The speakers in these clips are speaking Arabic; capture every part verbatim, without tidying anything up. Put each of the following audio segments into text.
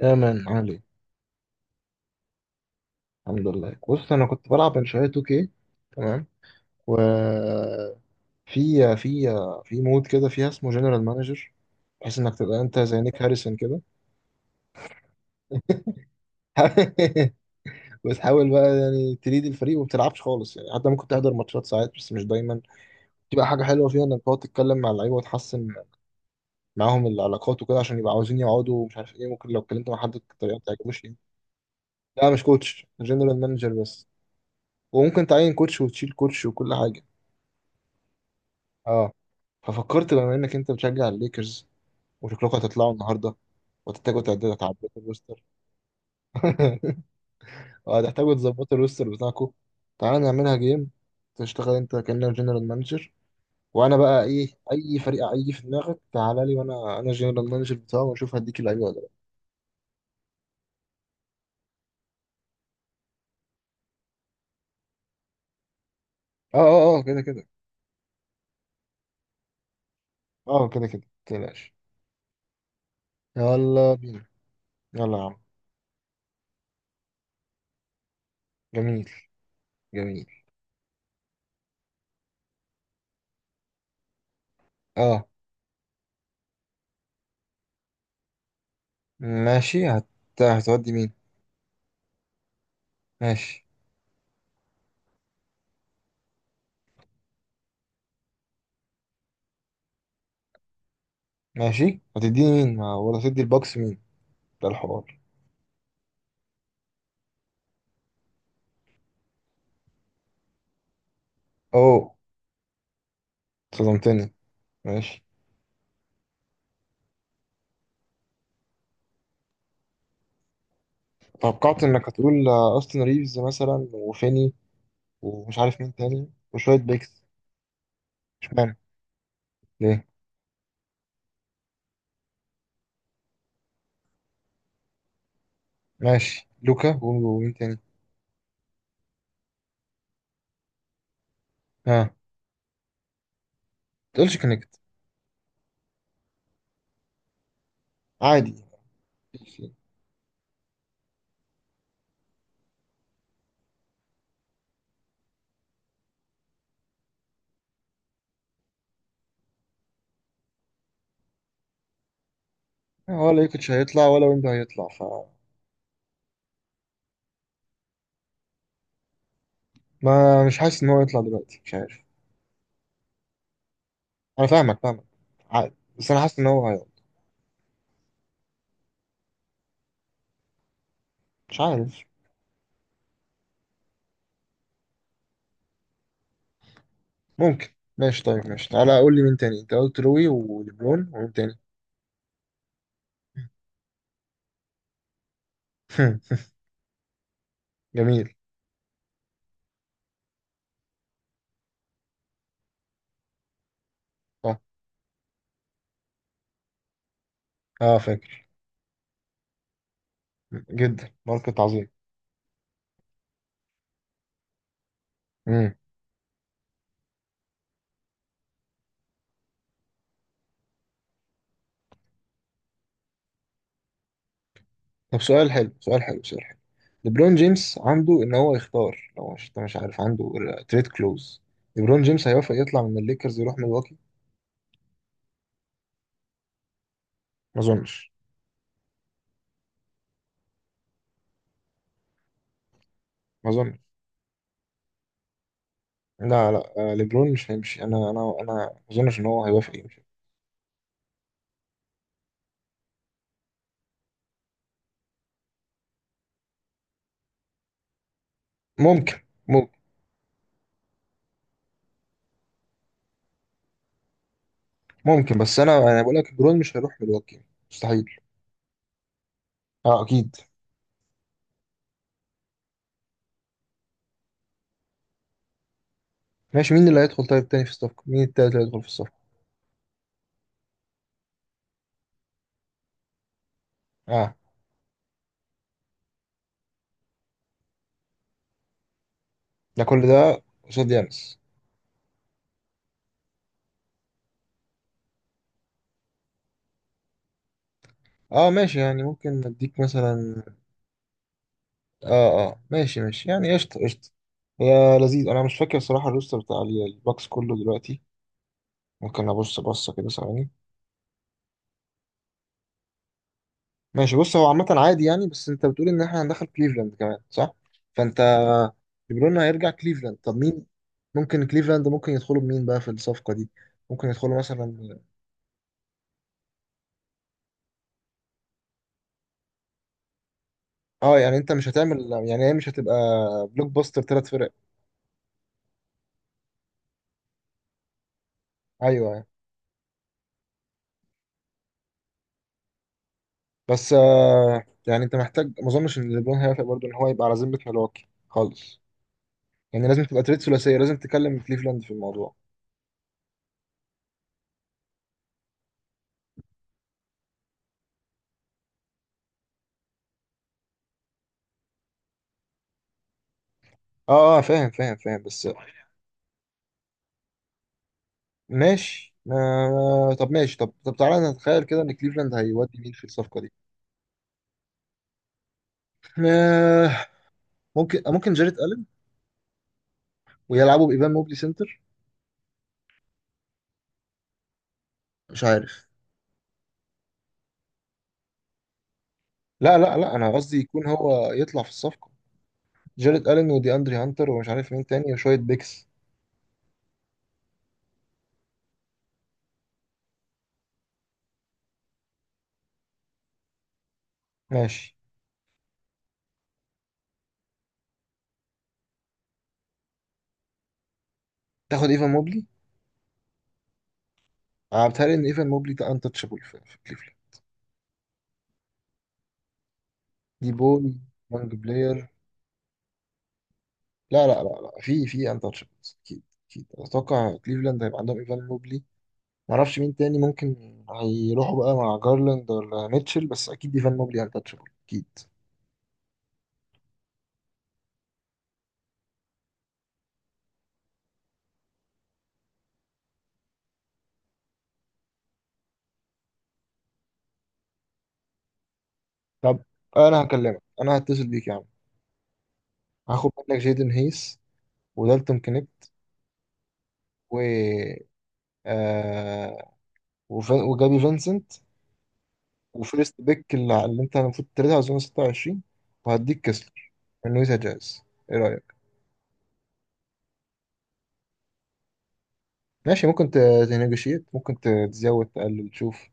يا مان عالي. الحمد لله، بص انا كنت بلعب من شويه تو كيه تمام. وفي في في مود كده فيها اسمه جنرال مانجر، بحيث انك تبقى انت زي نيك هاريسون كده. وتحاول بقى يعني تريد الفريق وما بتلعبش خالص يعني، حتى ممكن تحضر ماتشات ساعات بس مش دايما. تبقى حاجه حلوه فيها انك تقعد تتكلم مع اللعيبه وتحسن معاهم العلاقات وكده، عشان يبقى عاوزين يقعدوا ومش عارف ايه، ممكن لو اتكلمت مع حد بطريقه ما تعجبوش يعني. لا مش كوتش، جنرال مانجر بس. وممكن تعين كوتش وتشيل كوتش وكل حاجه. اه، ففكرت بما انك انت بتشجع الليكرز وشكلكم هتطلعوا النهارده وتحتاجوا تعدلوا تعدلوا الروستر. وهتحتاجوا تظبطوا الروستر بتاعكم. تعالى نعملها جيم، تشتغل انت كأنك جنرال مانجر، وانا بقى ايه، اي فريق اي في دماغك تعالى لي، وانا انا جنرال مانجر بتاعه واشوف هديك اللعيبه ولا لا. اه اه اه، كده كده. اه كده كده متقلقش. يلا بينا. يلا يا عم. جميل. جميل. اه ماشي. هت... هتودي مين؟ ماشي. ماشي، هتديني مين، ما ولا هتدي الباكس مين؟ ده الحوار. اوه، صدمتني. ماشي. توقعت انك هتقول آه، اوستن ريفز مثلا وفيني ومش عارف مين تاني وشوية بيكس. اشمعنى؟ ليه؟ ماشي، لوكا و- ومين تاني؟ ها ما تقولش كونكت. عادي، مفيش. ولا يوكيتش هيطلع ولا ويمبي هيطلع ف. ما مش حاسس ان هو يطلع دلوقتي، مش عارف. انا فاهمك فاهمك، عادي، بس انا حاسس ان هو هيطلع. مش عارف. ممكن. ماشي طيب، ماشي، تعالى قول لي مين تاني؟ انت قلت روي وليبرون ومين تاني؟ جميل. اه اه فاكر. جدا، ماركت عظيم. مم. طب سؤال حلو، سؤال حلو، سؤال حلو. ليبرون جيمس عنده ان هو يختار، لو مش انت مش عارف، عنده تريد كلوز؟ ليبرون جيمس هيوافق يطلع من الليكرز يروح ميلواكي؟ ما اظنش. ما اظنش. لا لا، آه، ليبرون مش هيمشي. انا انا انا ما اظنش ان هو هيوافق يمشي. ممكن. ممكن. ممكن، بس انا انا بقول لك ليبرون مش هيروح ميلواكي. مستحيل. اه اكيد. ماشي مين اللي هيدخل طيب تاني في الصفقه؟ مين التالت اللي هيدخل في الصفقه؟ اه، ده كل ده قصاد يانس. اه ماشي، يعني ممكن اديك مثلا. اه اه ماشي ماشي، يعني قشطة قشطة. هي لذيذ. انا مش فاكر صراحة الروستر بتاع ال- الباكس كله دلوقتي. ممكن ابص بصة كده ثواني. ماشي. بص هو عامة عادي يعني، بس انت بتقول ان احنا هندخل كليفلاند كمان صح؟ فانت، ليبرون هيرجع كليفلاند؟ طب مين؟ ممكن كليفلاند، ممكن يدخلوا بمين بقى في الصفقة دي؟ ممكن يدخلوا مثلا. اه يعني انت مش هتعمل، يعني هي مش هتبقى بلوك باستر ثلاث فرق. ايوه أيوه. بس آه يعني انت محتاج، ما اظنش ان ليبرون هيوافق برضه ان هو يبقى على ذمه ملواكي خالص. يعني لازم تبقى تريد ثلاثيه، لازم تكلم كليفلاند في الموضوع. اه اه فاهم فاهم فاهم، بس ماشي. آه طب ماشي، طب طب تعالى نتخيل كده ان كليفلاند هيودي مين في الصفقه دي. آه ممكن، ممكن جاريت الن، ويلعبوا بايفان موبلي سنتر. مش عارف. لا لا لا، انا قصدي يكون هو يطلع في الصفقه. جاريت الن ودي اندري هانتر ومش عارف مين تاني وشويه بيكس. ماشي. تاخد ايفان موبلي؟ انا بتهيألي ان ايفان موبلي ده انتشابل في في كليفلاند. دي بوي، يونج بلاير. لا لا لا لا، في في انتشابلز اكيد. اكيد اتوقع كليفلاند هيبقى عندهم ايفان موبلي. ما اعرفش مين تاني ممكن هيروحوا بقى، مع جارلاند ولا ميتشل، بس اكيد ايفان موبلي انتشابل اكيد. طب انا هكلمك، انا هتصل بيك يا عم. هاخد منك جيدن هيس ودالتون كنيب و آه وف... وجابي فينسنت وفيرست بيك اللي اللي انت المفروض تريدها اظن ستة وعشرين، وهديك كسلر من نويتا جاز. ايه رأيك؟ ماشي، ممكن تنيجوشيت، ممكن ت- تزود تقلل تشوف.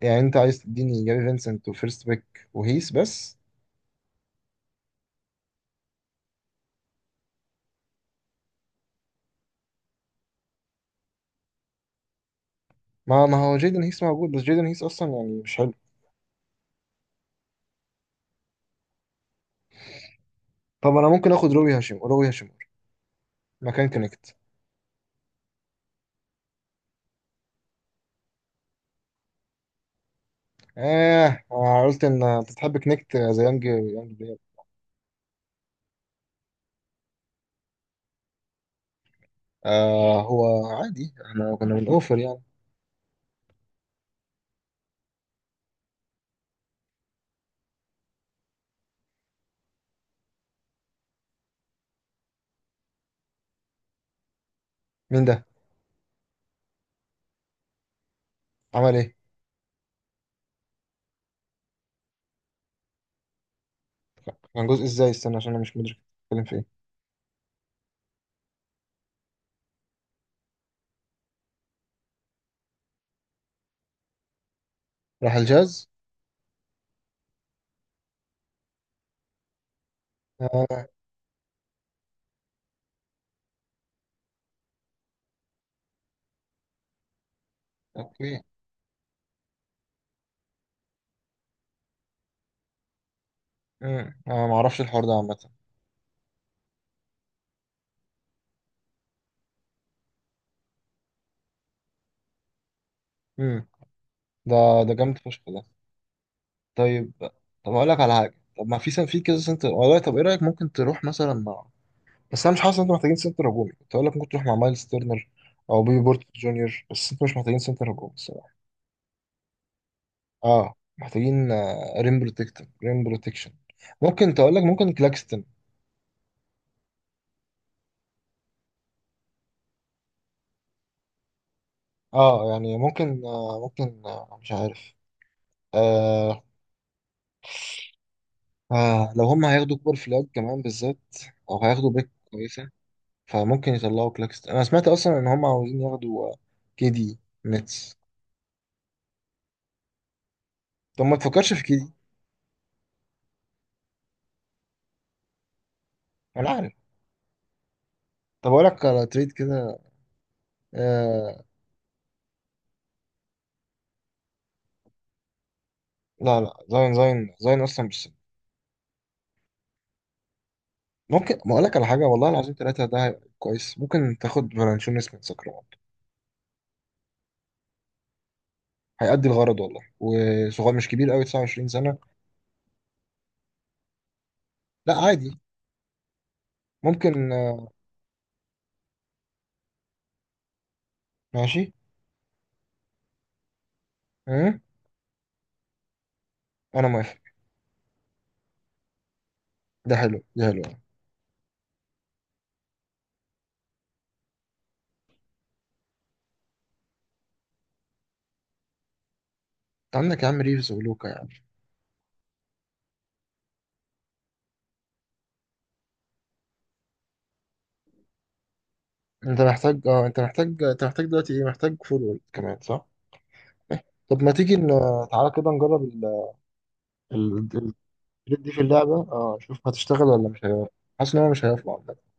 يعني انت عايز تديني جافي فينسنت وفيرست بيك وهيس بس؟ ما ما هو جيدن هيس موجود، بس جيدن هيس اصلا يعني مش حلو. طب انا ممكن اخد روبي هاشم روبي هاشم مكان كونكت؟ اه، أنا قلت ان انت بتحب كونكت زي يانج يانج بلاير. آه هو عادي احنا كنا بنوفر يعني. مين ده؟ عمل ايه؟ كان جزء ازاي؟ استنى عشان انا مش مدرك بتتكلم في ايه. راح الجاز؟ آه اوكي. امم. انا ما اعرفش الحوار ده عامه. امم. ده، ده جامد فشخ ده. طيب، طب اقول لك على حاجه، طب ما في سن، في كذا سنتر والله. طب ايه رايك، ممكن تروح مثلا مع، بس انا مش حاسس ان انتوا محتاجين سنتر هجومي. كنت اقول لك ممكن تروح مع مايلز تيرنر او بيبي بورت جونيور، بس انتوا مش محتاجين سنتر هجومي الصراحه. اه محتاجين، آه، ريم بروتكتن ريم بروتكشن. ممكن تقول لك، ممكن كلاكستن. اه يعني ممكن، آه ممكن آه مش عارف. آه آه لو هم هياخدوا كوبر فلاج كمان بالذات، او هياخدوا بيك كويسه، فممكن يطلعوا كلاكستن. انا سمعت اصلا ان هم عاوزين ياخدوا آه، كي دي. نتس. طب ما تفكرش في كده. انا عارف. طب اقول لك على تريد كده. آه... لا لا، زاين زاين زاين اصلا مش سهل. ممكن ما اقول لك على حاجه، والله العظيم ثلاثه ده هيبقى كويس، ممكن تاخد فالانشونس من ساكرامنتو. هيأدي الغرض والله، وصغير مش كبير قوي، تسعة وعشرين سنه. لا عادي. ممكن آه... ماشي. أه؟ انا موافق. ده حلو ده، حلو انت. عندك يا عم ريفز ولوكا يعني. انت محتاج، اه انت محتاج، انت محتاج دلوقتي ايه، محتاج فول كمان صح؟ طب ما تيجي ن... تعالى كده نجرب ال... الفكرة دي في اللعبة، اه شوف هتشتغل ولا مش هيبقى. حاسس ان هو مش هيطلع بجد.